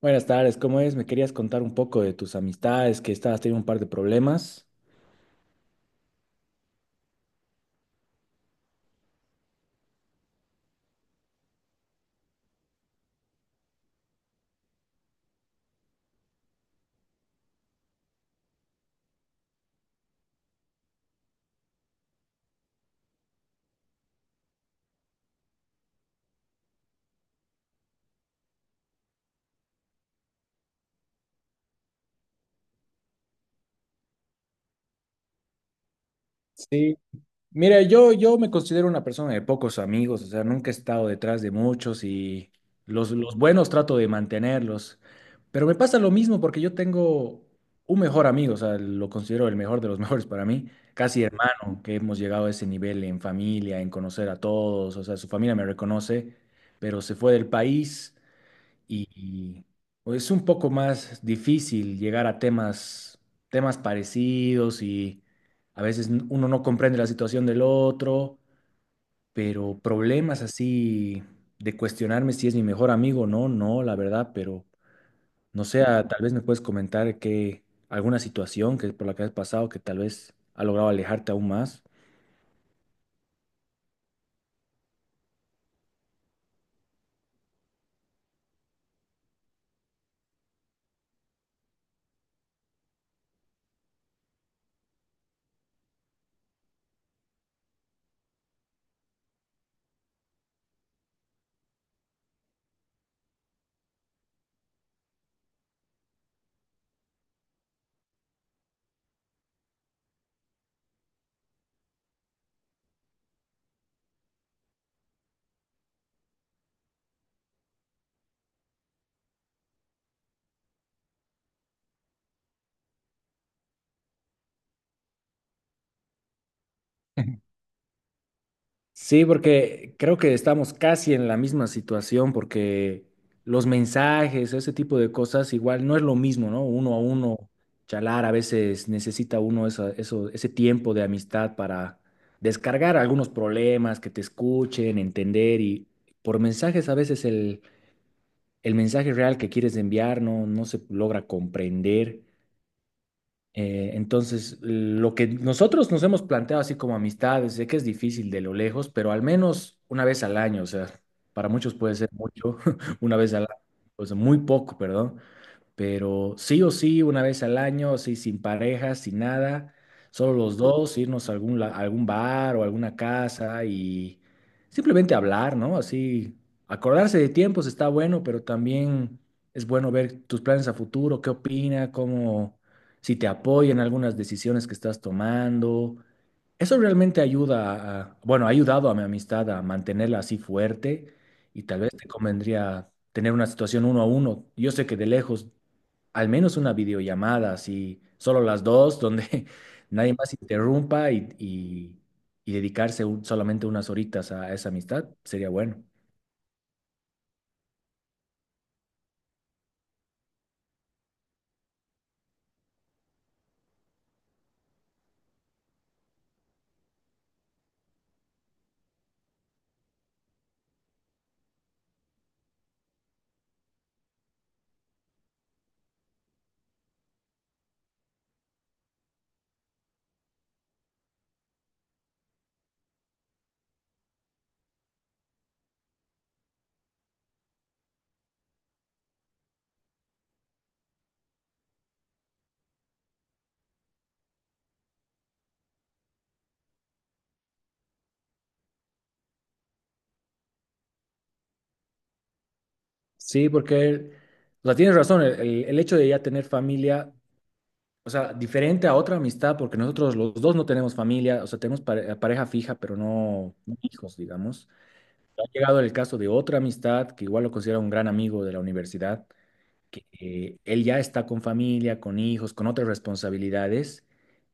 Buenas tardes, ¿cómo es? Me querías contar un poco de tus amistades, que estabas teniendo un par de problemas. Sí. Mira, yo me considero una persona de pocos amigos, o sea, nunca he estado detrás de muchos y los buenos trato de mantenerlos, pero me pasa lo mismo porque yo tengo un mejor amigo, o sea, lo considero el mejor de los mejores para mí, casi hermano, que hemos llegado a ese nivel en familia, en conocer a todos, o sea, su familia me reconoce, pero se fue del país. y, y, pues, es un poco más difícil llegar a temas, temas parecidos y a veces uno no comprende la situación del otro, pero problemas así de cuestionarme si es mi mejor amigo o no, no, la verdad, pero no sé, tal vez me puedes comentar que alguna situación que por la que has pasado que tal vez ha logrado alejarte aún más. Sí, porque creo que estamos casi en la misma situación, porque los mensajes, ese tipo de cosas, igual no es lo mismo, ¿no? Uno a uno, charlar, a veces necesita uno eso, ese tiempo de amistad para descargar algunos problemas, que te escuchen, entender, y por mensajes a veces el mensaje real que quieres enviar no se logra comprender. Entonces, lo que nosotros nos hemos planteado así como amistades, sé que es difícil de lo lejos, pero al menos una vez al año, o sea, para muchos puede ser mucho, una vez al año, o sea, muy poco, perdón, pero sí o sí, una vez al año, así sin pareja, sin nada, solo los dos, irnos a a algún bar o alguna casa y simplemente hablar, ¿no? Así, acordarse de tiempos está bueno, pero también es bueno ver tus planes a futuro, qué opina, cómo, si te apoya en algunas decisiones que estás tomando. Eso realmente ayuda a, bueno, ha ayudado a mi amistad a mantenerla así fuerte, y tal vez te convendría tener una situación uno a uno. Yo sé que de lejos, al menos una videollamada, así, solo las dos, donde nadie más interrumpa y dedicarse solamente unas horitas a esa amistad, sería bueno. Sí, porque, o sea, tienes razón, el hecho de ya tener familia, o sea, diferente a otra amistad, porque nosotros los dos no tenemos familia, o sea, tenemos pareja fija, pero no, no hijos, digamos. Ha llegado el caso de otra amistad, que igual lo considero un gran amigo de la universidad que él ya está con familia, con hijos, con otras responsabilidades,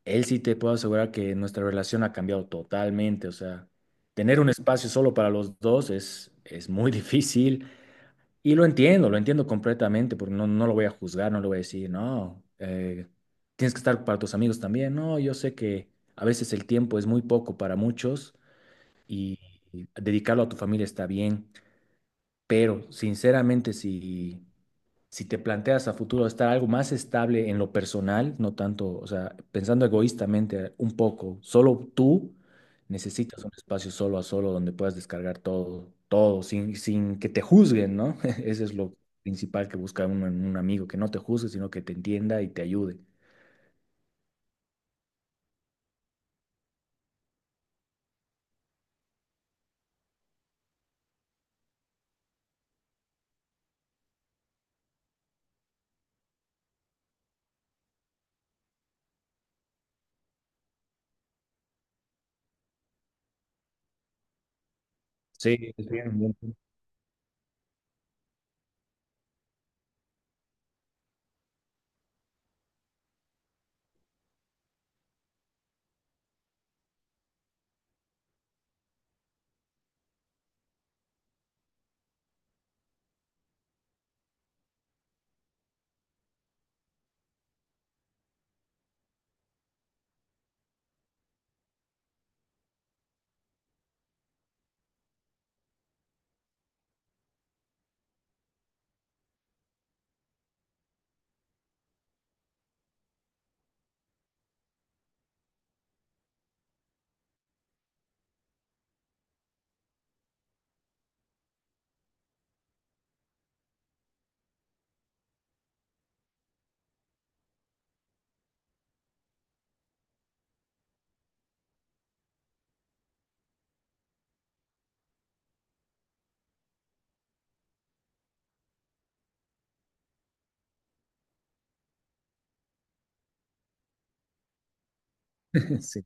él sí te puedo asegurar que nuestra relación ha cambiado totalmente. O sea, tener un espacio solo para los dos es muy difícil y lo entiendo completamente, porque no, no lo voy a juzgar, no le voy a decir, no, tienes que estar para tus amigos también. No, yo sé que a veces el tiempo es muy poco para muchos, y dedicarlo a tu familia está bien, pero sinceramente si te planteas a futuro estar algo más estable en lo personal, no tanto, o sea, pensando egoístamente un poco, solo tú necesitas un espacio solo a solo donde puedas descargar todo, todo, sin que te juzguen, ¿no? Ese es lo principal que busca uno en un amigo, que no te juzgue, sino que te entienda y te ayude. Sí, es bien, bien. Sí.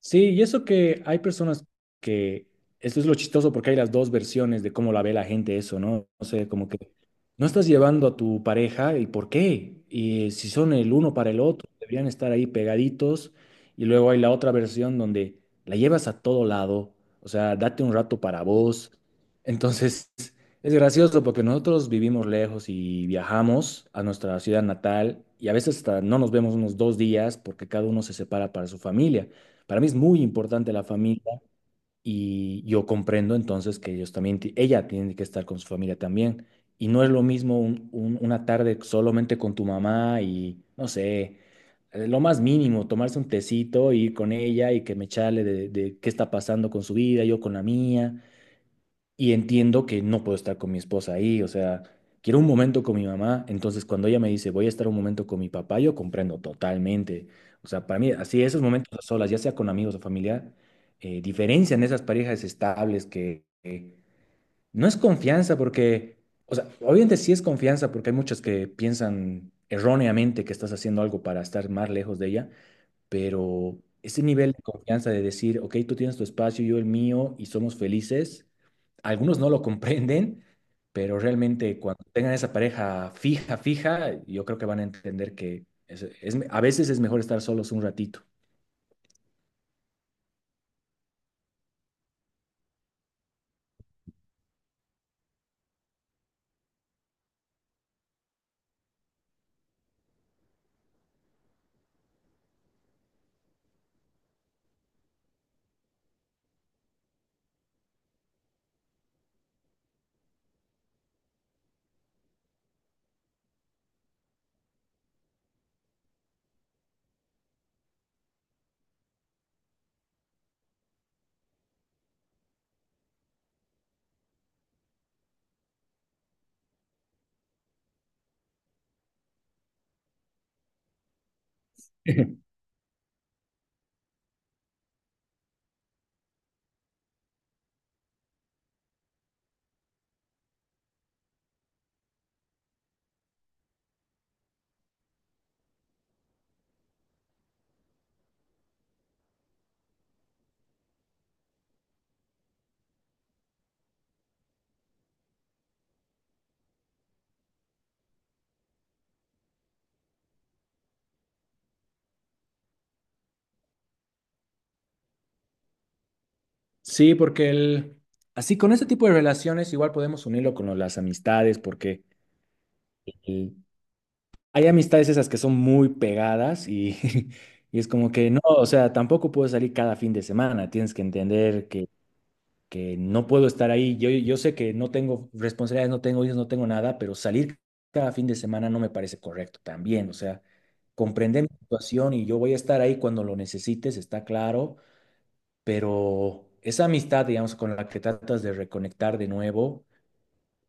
Sí, y eso que hay personas que, esto es lo chistoso porque hay las dos versiones de cómo la ve la gente eso, ¿no? O sea, como que no estás llevando a tu pareja y por qué, y si son el uno para el otro, deberían estar ahí pegaditos, y luego hay la otra versión donde la llevas a todo lado, o sea, date un rato para vos. Entonces, es gracioso porque nosotros vivimos lejos y viajamos a nuestra ciudad natal y a veces hasta no nos vemos unos dos días porque cada uno se separa para su familia. Para mí es muy importante la familia y yo comprendo entonces que ellos también, ella tiene que estar con su familia también. Y no es lo mismo una tarde solamente con tu mamá y, no sé, lo más mínimo, tomarse un tecito, ir con ella y que me charle de qué está pasando con su vida, yo con la mía y entiendo que no puedo estar con mi esposa ahí, o sea, quiero un momento con mi mamá, entonces cuando ella me dice, voy a estar un momento con mi papá, yo comprendo totalmente. O sea, para mí, así esos momentos a solas, ya sea con amigos o familia, diferencian esas parejas estables que no es confianza porque, o sea, obviamente sí es confianza porque hay muchas que piensan erróneamente que estás haciendo algo para estar más lejos de ella, pero ese nivel de confianza de decir, ok, tú tienes tu espacio, yo el mío y somos felices, algunos no lo comprenden, pero realmente cuando tengan esa pareja fija, fija, yo creo que van a entender que a veces es mejor estar solos un ratito. Sí, porque así con este tipo de relaciones igual podemos unirlo con las amistades, porque el- hay amistades esas que son muy pegadas y, y es como que no, o sea, tampoco puedes salir cada fin de semana, tienes que entender que no puedo estar ahí. Yo sé que no tengo responsabilidades, no tengo hijos, no tengo nada, pero salir cada fin de semana no me parece correcto también. O sea, comprender mi situación y yo voy a estar ahí cuando lo necesites, está claro, pero esa amistad, digamos, con la que tratas de reconectar de nuevo,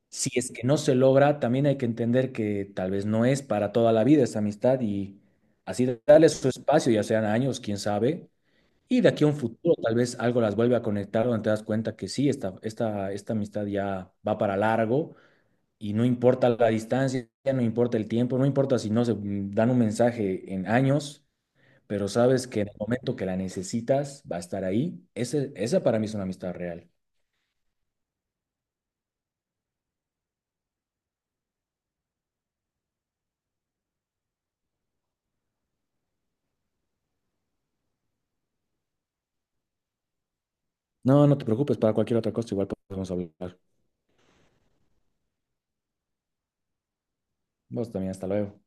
si es que no se logra, también hay que entender que tal vez no es para toda la vida esa amistad, y así darle su espacio, ya sean años, quién sabe, y de aquí a un futuro tal vez algo las vuelve a conectar donde te das cuenta que sí, esta amistad ya va para largo y no importa la distancia, no importa el tiempo, no importa si no se dan un mensaje en años, pero sabes que en el momento que la necesitas va a estar ahí. Esa para mí es una amistad real. No, no te preocupes, para cualquier otra cosa igual podemos hablar. Vos también, hasta luego.